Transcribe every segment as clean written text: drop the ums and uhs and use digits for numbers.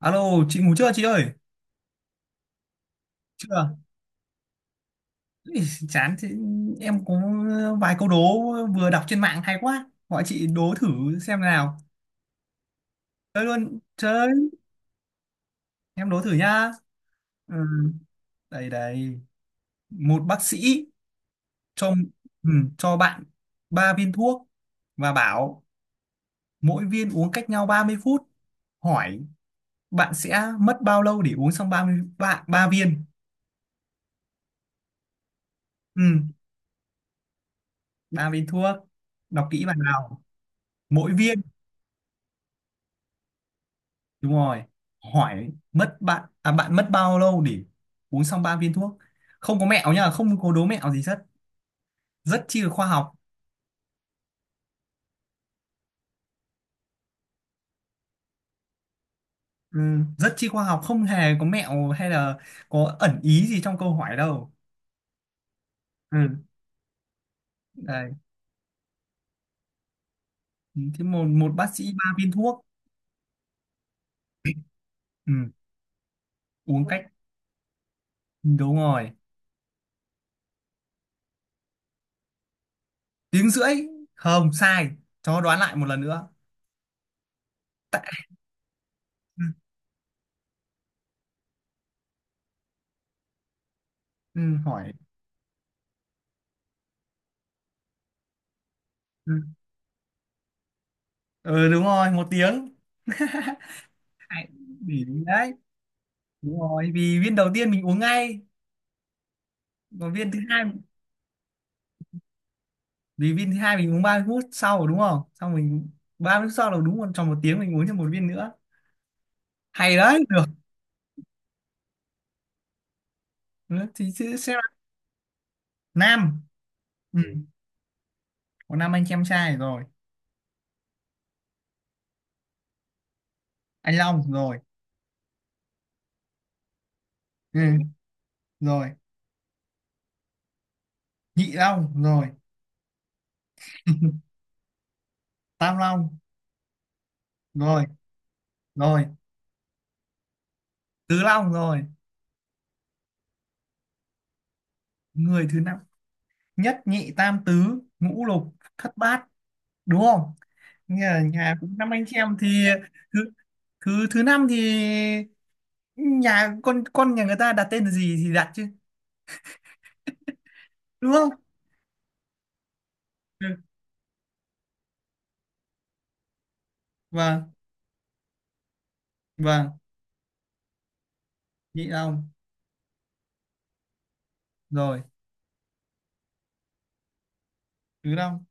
Alo, chị ngủ chưa chị ơi? Chưa, à? Ý, Chán thế, em có vài câu đố vừa đọc trên mạng hay quá. Gọi chị đố thử xem nào. Chơi luôn, chơi. Em đố thử nhá. Ừ. Đây đây. Một bác sĩ cho, ừ, cho bạn ba viên thuốc và bảo mỗi viên uống cách nhau 30 phút. Hỏi bạn sẽ mất bao lâu để uống xong ba viên? Ừ, ba viên thuốc. Đọc kỹ bạn nào. Mỗi viên đúng rồi, hỏi mất bạn à, bạn mất bao lâu để uống xong ba viên thuốc. Không có mẹo nhá, không có đố mẹo gì hết, rất chi là khoa học. Ừ, rất chi khoa học, không hề có mẹo hay là có ẩn ý gì trong câu hỏi đâu. Ừ. Đấy. Thế một một bác sĩ ba viên thuốc, ừ, uống cách, đúng rồi, tiếng rưỡi không sai, cho đoán lại một lần nữa. Tại... ừ. Ừ, hỏi, ừ, ừ đúng rồi, một tiếng. Tại- để đấy, đúng rồi, vì viên đầu tiên mình uống ngay, còn viên thứ hai, vì viên thứ hai mình uống 30 phút sau rồi đúng không, xong mình 30 phút sau là đúng, còn tròn một tiếng mình uống thêm một viên nữa. Hay đấy, được. Ừ, thì sẽ là Nam. Ừ. Ừ, có Nam anh em trai rồi, anh Long rồi. Ừ. Ừ, rồi, Nhị Long rồi, Tam Long, rồi rồi, Tứ Long rồi, người thứ năm. Nhất nhị tam tứ ngũ lục thất bát đúng không, nghe là nhà cũng năm anh chị em thì thứ, thứ năm thì, nhà con nhà người ta đặt tên là gì thì đặt chứ, đúng không. Ừ. Vâng. Vâng. Nhị Long. Rồi. Tứ Long.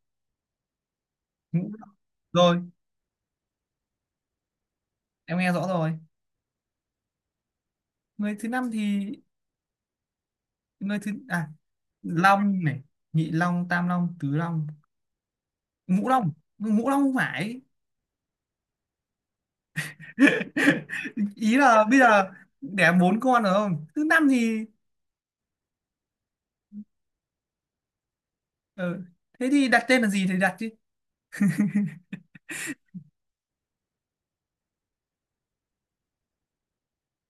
Ngũ Long. Rồi, em nghe rõ rồi. Người thứ năm thì, người thứ à, Long này, Nhị Long, Tam Long, Tứ Long, Ngũ Long. Ngũ Long không phải? Ý là bây giờ đẻ bốn con rồi, không, thứ năm thì, ờ, thế thì đặt tên là gì thì đặt chứ.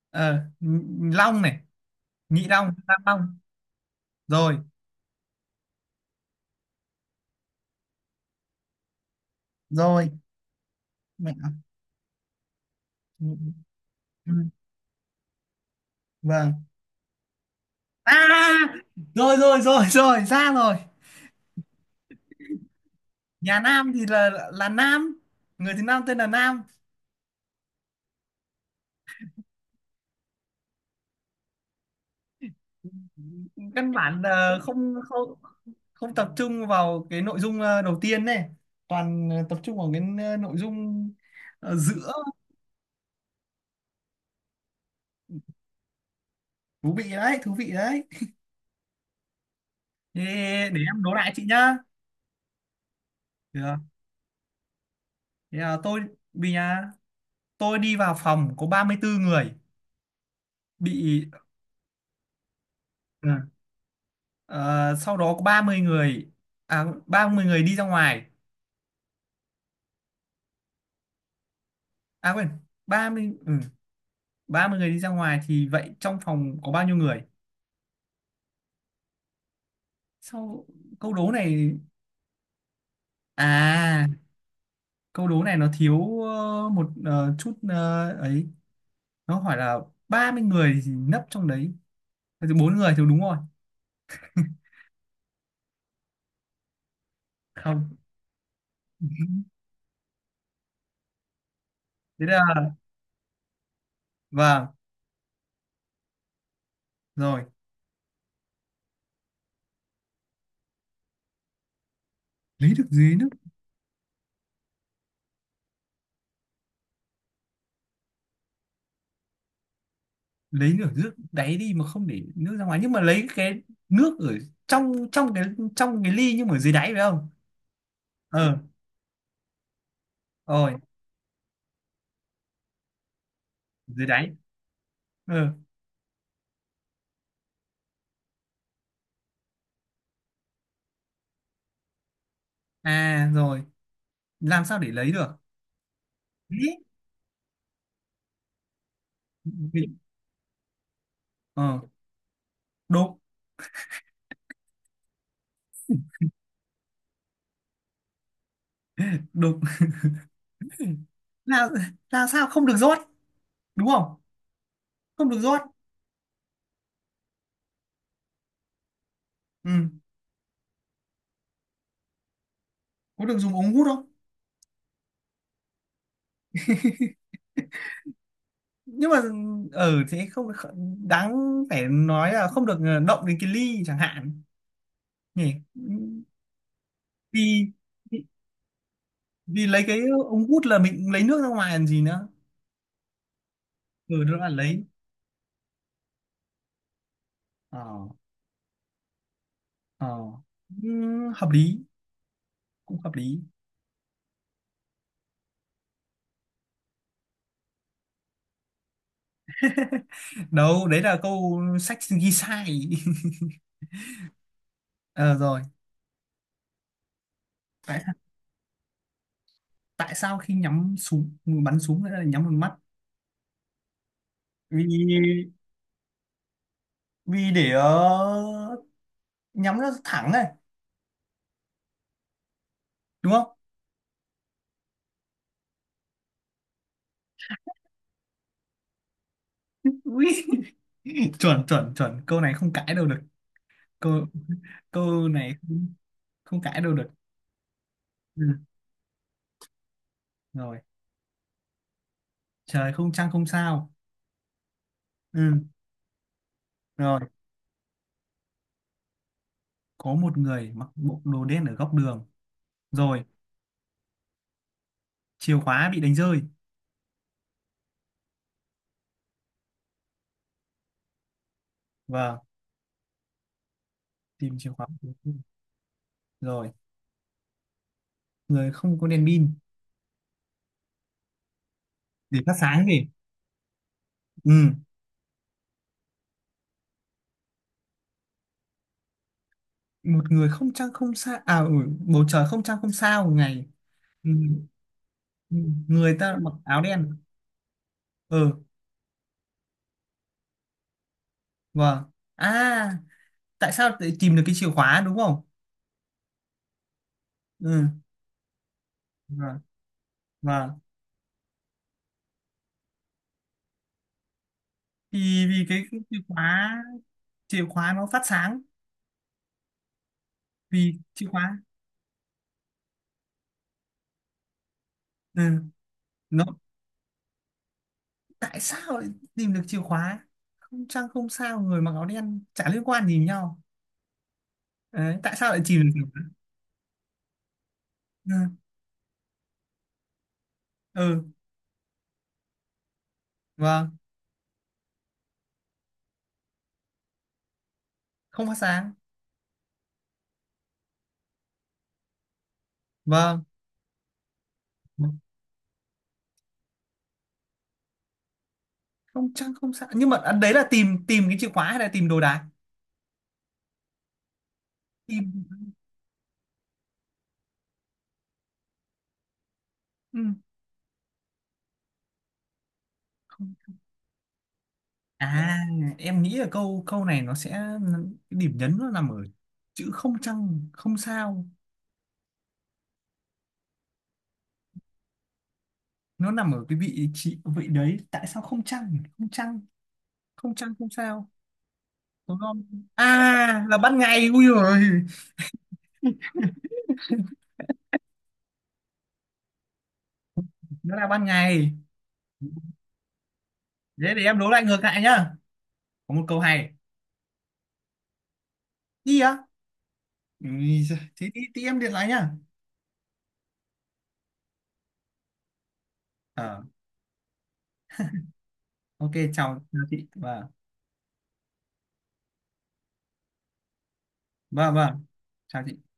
Ờ, Long này, Nhị Long, Tam Long. Rồi rồi. Mẹ. Ừ. Vâng. À, rồi rồi rồi rồi, ra rồi. Nhà Nam thì là Nam, người thứ Nam tên là Nam. Căn bản là không, không, không tập trung vào cái nội dung đầu tiên này, toàn tập trung vào cái, nội dung, giữa. Thú vị đấy, thú vị đấy. Thế để em đố lại chị nhá. Được. Thế là tôi, vì nhà, tôi đi vào phòng có 34 người bị. Ừ. Ờ, sau đó có 30 người à, 30 người đi ra ngoài. À quên, ba mươi, ừ, 30 người đi ra ngoài thì vậy trong phòng có bao nhiêu người. Sau, câu đố này, à, câu đố này nó thiếu một chút ấy. Nó hỏi là 30 người thì nấp trong đấy, thế thì bốn người thì đúng rồi. Không. Thế là, vâng, rồi, lấy được gì nữa. Lấy được nước đáy đi mà không để nước ra ngoài, nhưng mà lấy cái nước ở trong trong cái, trong cái ly nhưng mà dưới đáy phải không. Ờ, rồi. Dưới đáy, ờ. À rồi, làm sao để lấy được. Ý, thì- ờ, đục. Đục. là là sao, không được rót đúng không. Không được rót. Ừ, có được dùng ống hút không. Nhưng mà ở thế không kh- đáng phải nói là không được, động đến cái ly chẳng hạn, nhỉ. Vì, vì, vì lấy cái ống hút là mình lấy nước ra ngoài làm gì nữa. Ừ, nó là lấy, ờ, ờ. Ừ, hợp lý, cũng hợp lý. Đâu đấy là câu sách ghi sai. Ờ rồi. Tại, tại sao khi nhắm súng, bắn súng lại là nhắm vào mắt. Vì, vì để, nhắm nó thẳng này, đúng không. Ui, chuẩn chuẩn chuẩn, câu này không cãi đâu được. Câu, câu này không cãi đâu được. Ừ. Rồi. Trời không trăng không sao. Ừ. Rồi. Có một người mặc bộ đồ đen ở góc đường. Rồi. Chìa khóa bị đánh rơi. Vâng. Tìm chìa khóa bị đánh rơi. Rồi. Người không có đèn pin, để phát sáng gì. Ừ, một người không trăng không sao à, ừ, bầu trời không trăng không sao ngày. Ừ. Ừ, người ta mặc áo đen. Ừ. Vâng. À, tại sao lại tìm được cái chìa khóa đúng không. Ừ. Vâng. Vâng. Thì vì cái chìa khóa, chìa khóa nó phát sáng, vì chìa khóa. Ừ. Nó, tại sao lại tìm được chìa khóa, không trăng không sao, người mặc áo đen chả liên quan gì nhau. Đấy, tại sao lại tìm được chìa khóa. Ừ. Ừ, vâng. Không phát sáng. Vâng. Không trăng không sao, nhưng mà à, đấy là tìm, tìm cái chìa khóa hay là tìm đồ đạc. Tìm. Ừ. Không. À, em nghĩ là câu, câu này nó sẽ, cái điểm nhấn nó nằm ở chữ không trăng không sao. Nó nằm ở cái vị trí vị đấy, tại sao không trăng, không trăng, không trăng không sao đúng không. À là ban ngày, ui rồi. Nó là ban ngày. Thế để em đố lại ngược lại nhá, có một câu hay. Đi á? Ừ, thế tí, tí em điện lại nhá. Ờ, ok, chào chào chị, vâng vâng vâng, chào chị.